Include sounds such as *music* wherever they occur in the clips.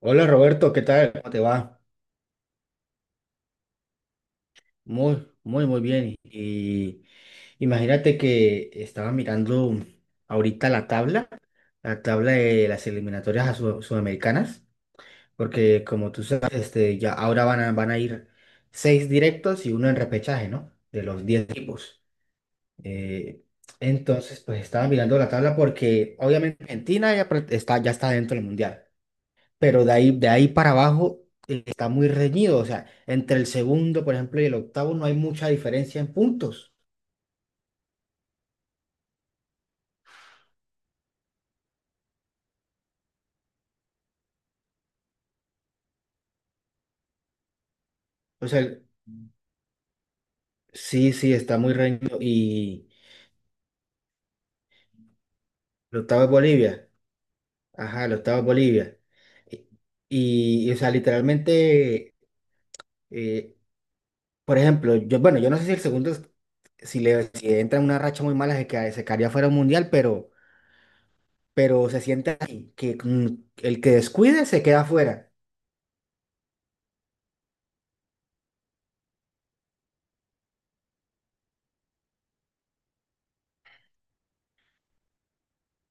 Hola Roberto, ¿qué tal? ¿Cómo te va? Muy bien. Y imagínate que estaba mirando ahorita la tabla de las eliminatorias a sudamericanas, porque como tú sabes, este, ya ahora van a ir seis directos y uno en repechaje, ¿no? De los diez equipos. Eh, entonces, pues estaba mirando la tabla porque obviamente Argentina ya, ya está dentro del mundial. Pero de ahí para abajo está muy reñido. O sea, entre el segundo, por ejemplo, y el octavo no hay mucha diferencia en puntos. O sea, el- sí, sí, está muy reñido. Y el octavo es Bolivia. Ajá, el octavo es Bolivia. O sea, literalmente, eh, por ejemplo, yo, bueno, yo no sé si el segundo, si le si entra en una racha muy mala, se quedaría fuera del mundial, pero se siente así, que el que descuide se queda fuera.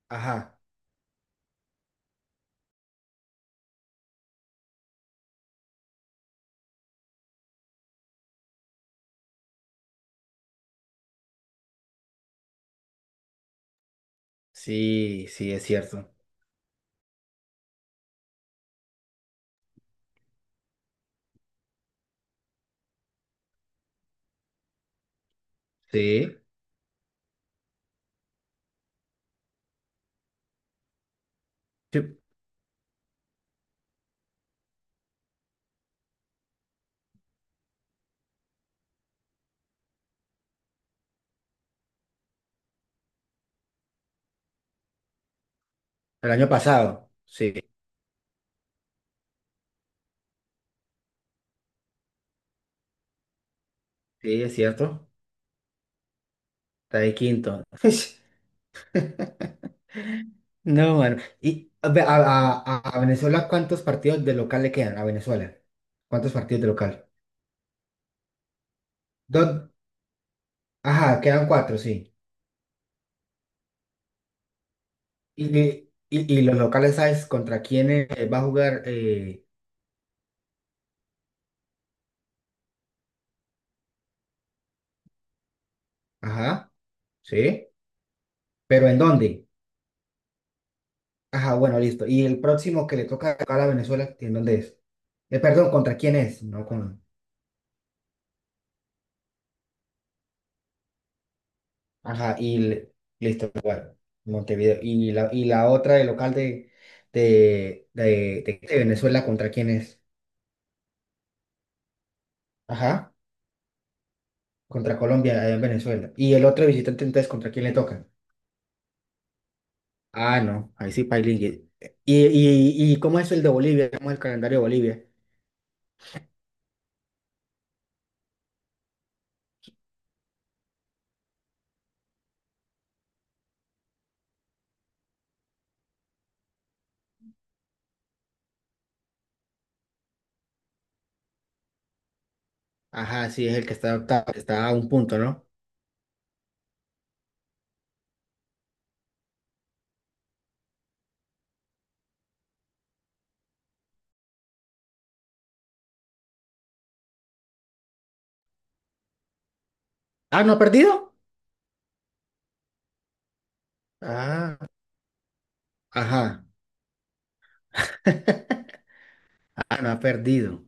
Ajá, sí, sí, es cierto. Sí, sí, el año pasado. Sí, sí, es cierto. Está de quinto. *laughs* No, mano. ¿Y a, ve- a Venezuela cuántos partidos de local le quedan a Venezuela? ¿Cuántos partidos de local? Dos. Ajá, quedan cuatro, sí. Y los locales, ¿sabes contra quién va a jugar? Ajá, sí. ¿Pero en dónde? Ajá, bueno, listo. ¿Y el próximo que le toca local a Venezuela, en dónde es? Perdón, ¿contra quién es? No, con... Ajá, listo, igual, Montevideo. Y la otra, el local de, de, de Venezuela, ¿contra quién es? Ajá, contra Colombia, allá en Venezuela. Y el otro visitante, entonces, ¿contra quién le toca? Ah, no, ahí sí, Pailín. ¿Y cómo es el de Bolivia? ¿Cómo es el calendario de Bolivia? Ajá, sí, es el que está octavo, que está a un punto, ¿no? Ah, ¿no ha perdido? Ah, ajá. *laughs* Ah, no ha perdido.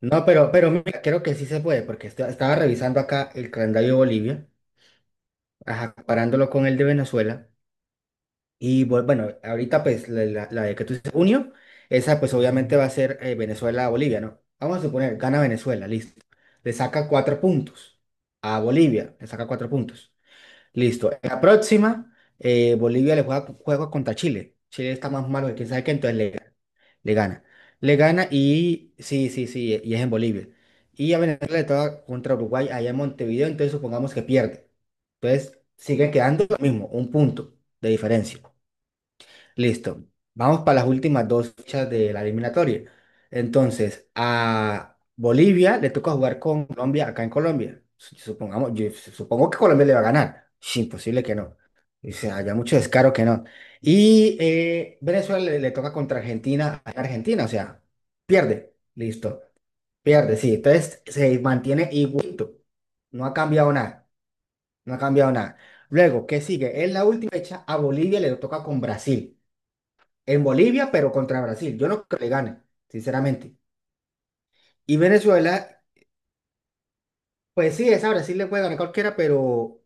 No, pero mira, creo que sí se puede, porque estaba revisando acá el calendario de Bolivia ajá, parándolo con el de Venezuela. Y bueno, ahorita pues la de que tú dices, junio, esa pues obviamente va a ser Venezuela-Bolivia, ¿no? Vamos a suponer, gana Venezuela, listo. Le saca cuatro puntos a Bolivia, le saca cuatro puntos. Listo. En la próxima, Bolivia juego contra Chile. Chile está más malo que quién sabe qué, entonces le gana. Le gana y sí, sí, sí, y es en Bolivia. Y a Venezuela le toca contra Uruguay allá en Montevideo, entonces supongamos que pierde. Entonces siguen quedando lo mismo, un punto de diferencia. Listo. Vamos para las últimas dos fechas de la eliminatoria. Entonces, a Bolivia le toca jugar con Colombia acá en Colombia. Su- Supongamos, yo supongo que Colombia le va a ganar. Es imposible que no. O sea, había mucho descaro que no. Y Venezuela le toca contra Argentina en Argentina. O sea, pierde. Listo. Pierde, sí. Entonces se mantiene igualito. No ha cambiado nada. No ha cambiado nada. Luego, ¿qué sigue? En la última fecha, a Bolivia le toca con Brasil en Bolivia, pero contra Brasil. Yo no creo que le gane, sinceramente. Y Venezuela, pues sí, esa Brasil le puede ganar cualquiera, pero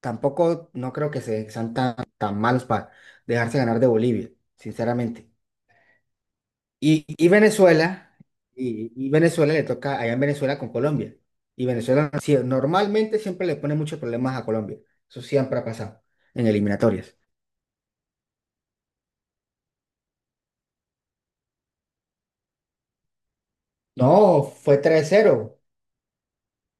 tampoco no creo que sean tan malos para dejarse ganar de Bolivia, sinceramente. Y, y Venezuela, y Venezuela le toca allá en Venezuela con Colombia. Y Venezuela sí, normalmente siempre le pone muchos problemas a Colombia. Eso siempre ha pasado en eliminatorias. No, fue tres cero.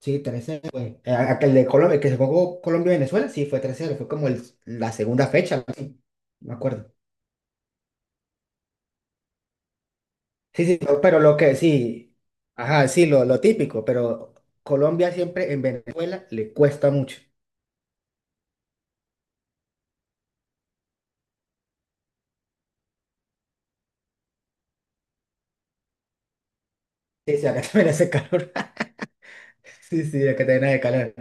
Sí, 3-0, güey. Aquel de Colombia, el que se jugó Colombia-Venezuela, sí, fue 3-0, fue como la segunda fecha, algo así, me acuerdo. Sí, sí, no, pero lo que sí, ajá, sí, lo típico, pero Colombia siempre en Venezuela le cuesta mucho. Sí, sí, acá *laughs* también hace calor. *laughs* Sí, sí, acá también hace calor.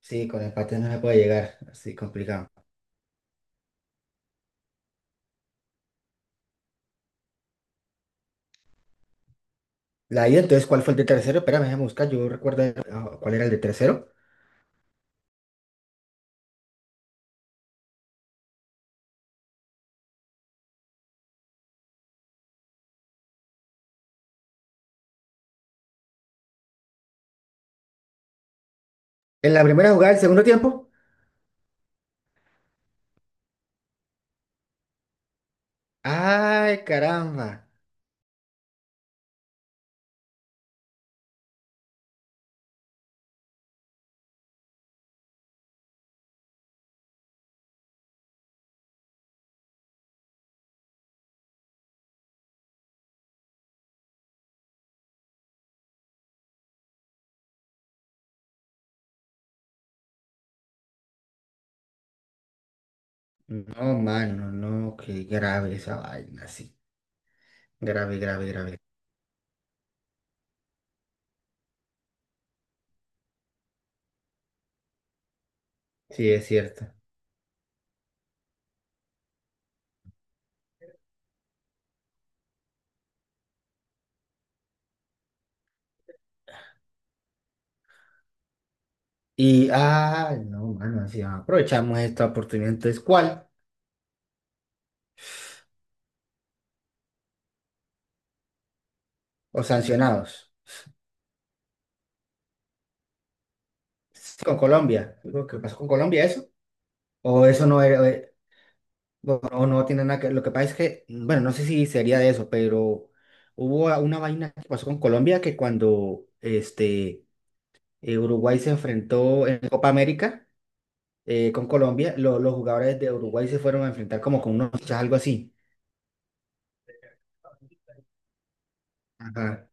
Sí, con empate no se puede llegar, así complicado. La ida, entonces, ¿cuál fue el de tercero? Espérame, déjame buscar, yo recuerdo ah, cuál era el de tercero. En la primera jugada del segundo tiempo. Ay, caramba. No, mano, no, qué grave esa vaina, sí. Grave, grave, grave. Sí, es cierto. Y, ah, no, mano, así aprovechamos esta oportunidad. Entonces, ¿cuál? ¿O sancionados? Sí, con Colombia. Digo, ¿qué pasó con Colombia eso? ¿O eso no era, o no tiene nada que... Lo que pasa es que, bueno, no sé si sería de eso, pero hubo una vaina que pasó con Colombia que cuando este, Uruguay se enfrentó en Copa América, con Colombia, los jugadores de Uruguay se fueron a enfrentar como con unos fichas, algo así. Ajá.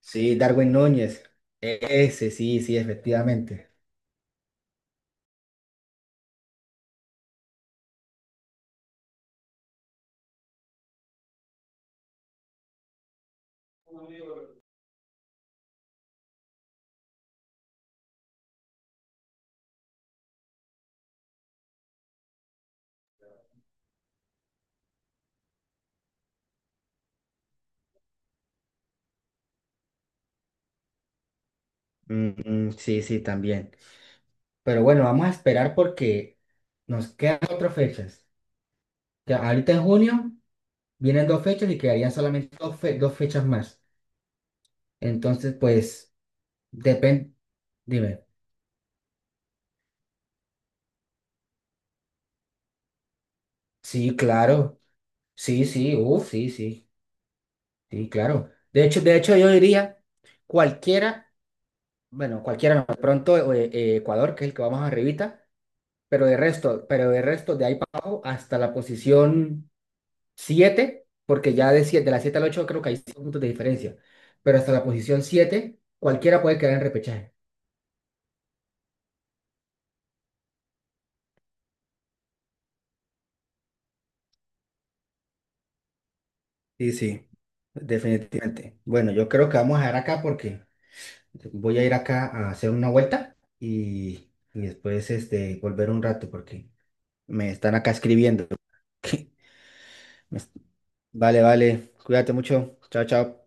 Sí, Darwin Núñez. Ese, sí, sí, efectivamente. Mm, sí, sí, también. Pero bueno, vamos a esperar porque nos quedan otras fechas. Ya, ahorita en junio vienen dos fechas y quedarían solamente dos, dos fechas más. Entonces, pues, depende. Dime. Sí, claro. Sí, sí, uff, sí, sí. Sí, claro. De hecho, yo diría, cualquiera. Bueno, cualquiera, no. De pronto Ecuador, que es el que vamos arribita, pero de resto, de ahí para abajo hasta la posición 7 porque ya de la 7 al 8 creo que hay 5 puntos de diferencia, pero hasta la posición siete cualquiera puede quedar en repechaje. Sí, sí, definitivamente. Bueno, yo creo que vamos a dejar acá porque voy a ir acá a hacer una vuelta y después este, volver un rato porque me están acá escribiendo. *laughs* Me- Vale, vale, cuídate mucho. Chao, chao.